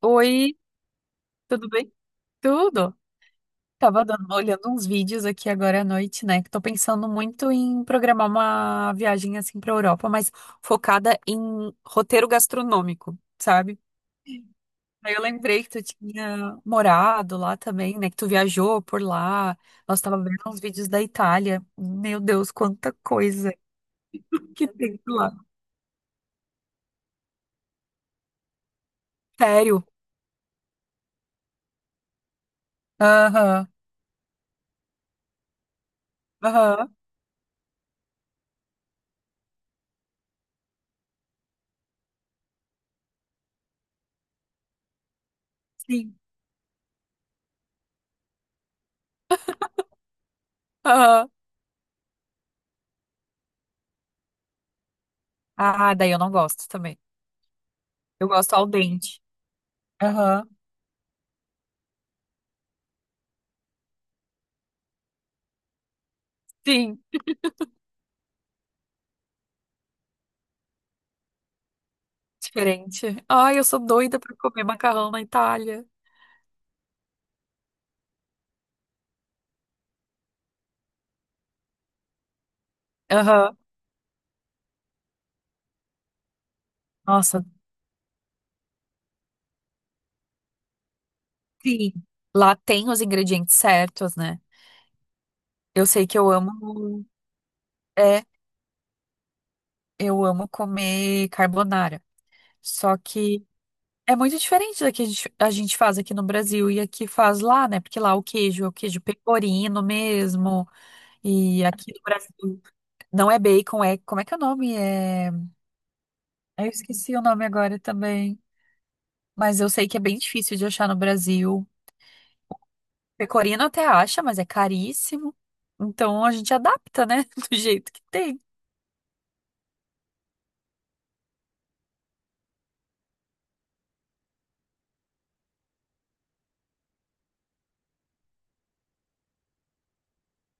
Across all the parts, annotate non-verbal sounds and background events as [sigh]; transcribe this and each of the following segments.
Oi, tudo bem? Tudo. Tava olhando uns vídeos aqui agora à noite, né? Que tô pensando muito em programar uma viagem assim pra Europa, mas focada em roteiro gastronômico, sabe? Aí eu lembrei que tu tinha morado lá também, né? Que tu viajou por lá. Nós tava vendo uns vídeos da Itália. Meu Deus, quanta coisa que tem por lá. Sério? Aham, aham, sim, aham. Ah, daí eu não gosto também. Eu gosto al dente. Aham. Sim. Diferente. Ai, eu sou doida pra comer macarrão na Itália. Aham. Nossa, sim. Lá tem os ingredientes certos, né? Eu sei que eu amo. É, eu amo comer carbonara. Só que é muito diferente da que a gente faz aqui no Brasil e aqui faz lá, né? Porque lá o queijo é o queijo pecorino mesmo. E aqui no Brasil não é bacon, é. Como é que é o nome? É. Eu esqueci o nome agora também. Mas eu sei que é bem difícil de achar no Brasil. Pecorino até acha, mas é caríssimo. Então a gente adapta, né? [laughs] Do jeito que tem.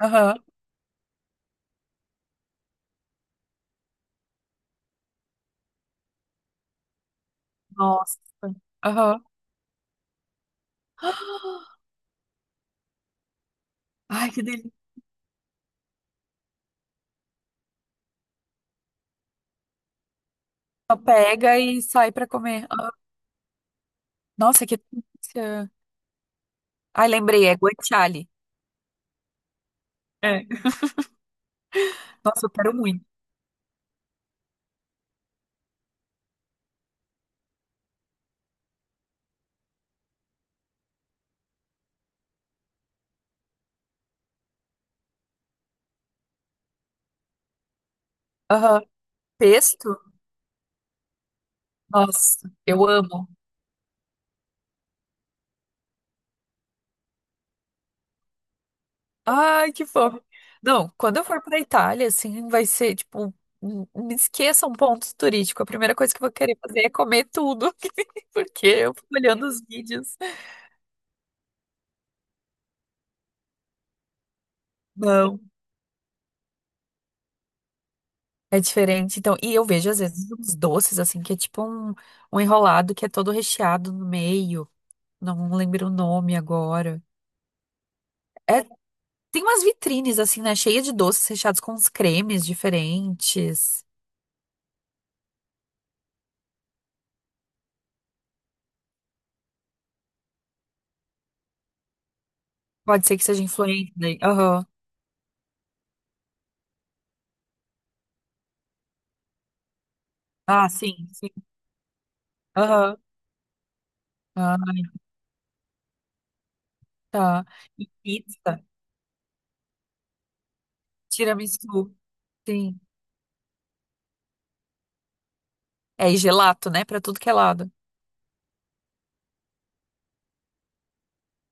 Aham. Nossa. Aham. Ai, que delícia. Só pega e sai pra comer. Ah, nossa, que delícia. Ai, lembrei, é guanciale. É. Nossa, eu quero muito. Aham. Pesto? Nossa, eu amo. Ai, que fome. Não, quando eu for pra Itália, assim, vai ser, tipo, me esqueça um ponto turístico. A primeira coisa que eu vou querer fazer é comer tudo, [laughs] porque eu fico olhando os vídeos. Não. É diferente, então. E eu vejo, às vezes, uns doces, assim, que é tipo um enrolado que é todo recheado no meio. Não lembro o nome agora. É, tem umas vitrines, assim, né? Cheia de doces recheados com uns cremes diferentes. Pode ser que seja influente daí. Aham. Ah, sim, sim. Aham. Ah. Tá. E pizza, tiramisu, sim. É, e gelato, né? Pra tudo que é lado.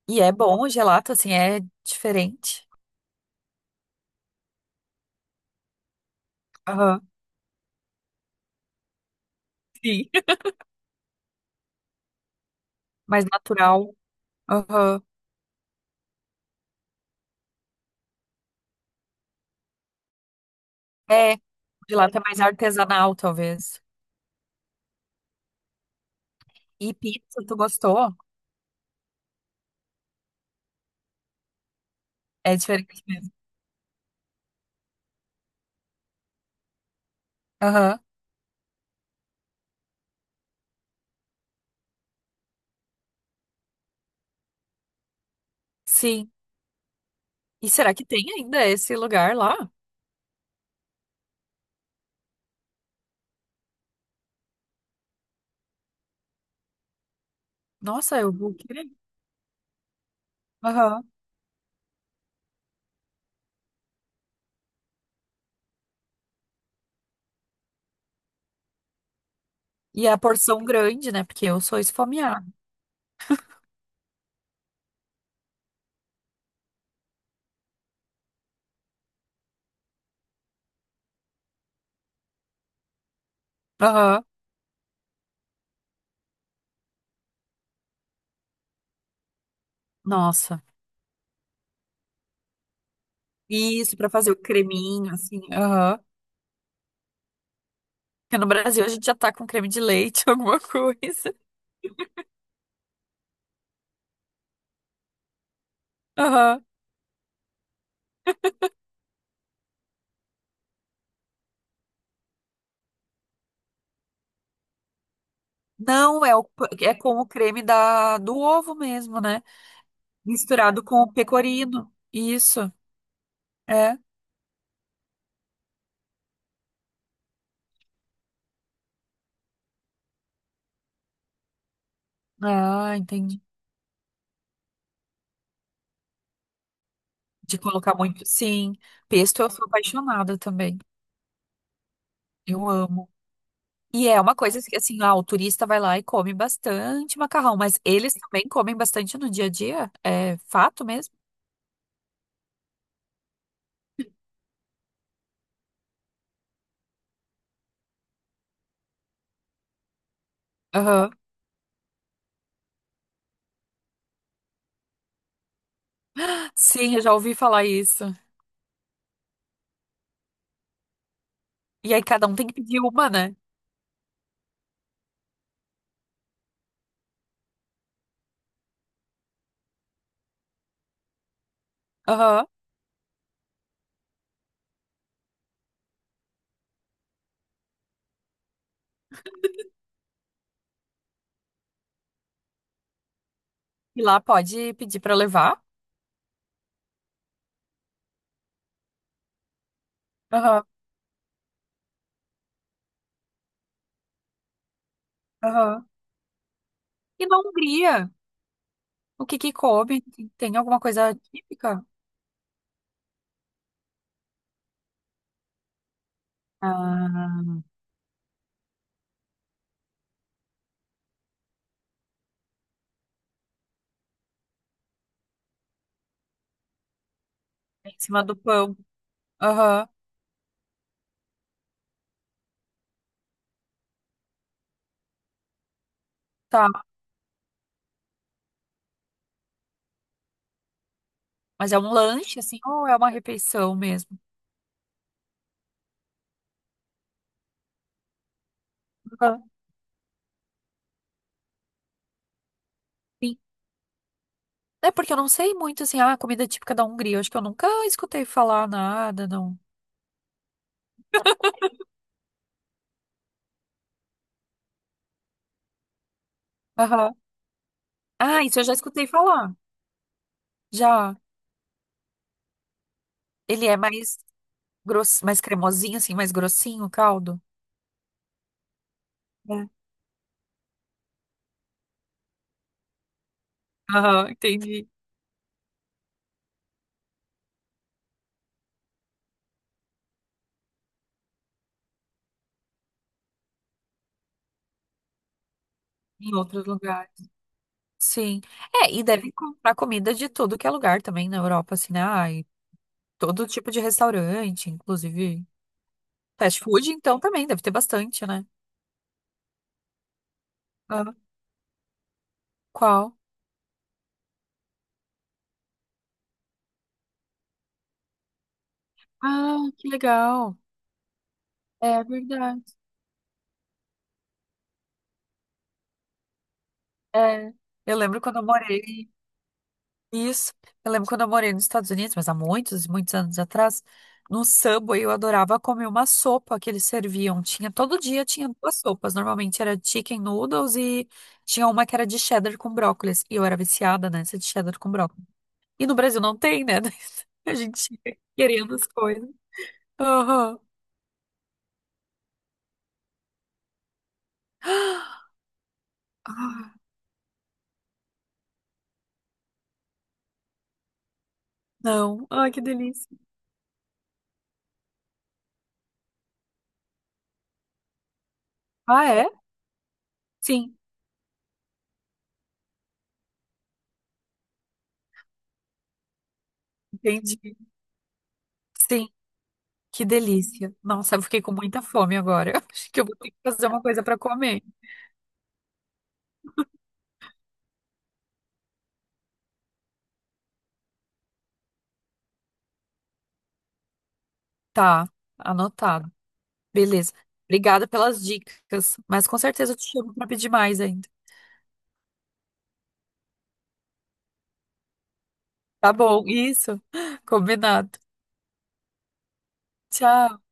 E é bom o gelato, assim, é diferente. Aham, sim. [laughs] Mais natural. Aham. É, o gelato é mais artesanal, talvez. E pizza, tu gostou? É diferente mesmo. Aham, sim. E será que tem ainda esse lugar lá? Nossa, eu vou querer. Aham. E a porção grande, né? Porque eu sou esfomeada. Aham. Nossa. Isso, pra fazer o creminho, assim. Aham. Porque no Brasil a gente já tá com creme de leite, [laughs] alguma coisa. Aham. Não, é, o, é com o creme da, do ovo mesmo, né? Misturado com o pecorino. Isso, é. Ah, entendi. De colocar muito. Sim, pesto eu sou apaixonada também. Eu amo. E é uma coisa que, assim, ah, o turista vai lá e come bastante macarrão, mas eles também comem bastante no dia a dia? É fato mesmo? Aham. Sim, eu já ouvi falar isso. E aí cada um tem que pedir uma, né? Aham. E lá pode pedir para levar. Aham, aham. E na Hungria, o que que come? Tem alguma coisa típica? Ah, é. Em cima do pão. Aham. Tá. Mas é um lanche, assim, ou é uma refeição mesmo? Aham. Sim. É porque eu não sei muito, assim, ah, comida típica da Hungria. Eu acho que eu nunca escutei falar nada, não. Aham. Ah, isso eu já escutei falar. Já. Ele é mais grosso, mais cremosinho, assim, mais grossinho o caldo? É. Aham, entendi. Em outros lugares. Sim. É, e deve comprar comida de tudo que é lugar também na Europa, assim, né? Ai, todo tipo de restaurante, inclusive fast food, então também deve ter bastante, né? Ah, qual? Ah, que legal. É verdade. É. Eu lembro quando eu morei. Isso. Eu lembro quando eu morei nos Estados Unidos, mas há muitos, muitos anos atrás, no Subway eu adorava comer uma sopa que eles serviam. Tinha todo dia tinha duas sopas. Normalmente era chicken noodles e tinha uma que era de cheddar com brócolis. E eu era viciada nessa de cheddar com brócolis. E no Brasil não tem, né? [laughs] A gente fica querendo as coisas. Aham. Ah, não. Ai, que delícia. Ah, é? Sim, entendi. Sim, que delícia. Nossa, eu fiquei com muita fome agora. [laughs] Acho que eu vou ter que fazer uma coisa para comer. Tá, anotado. Beleza. Obrigada pelas dicas, mas com certeza eu te chamo para pedir mais ainda. Tá bom, isso. [laughs] Combinado. Tchau.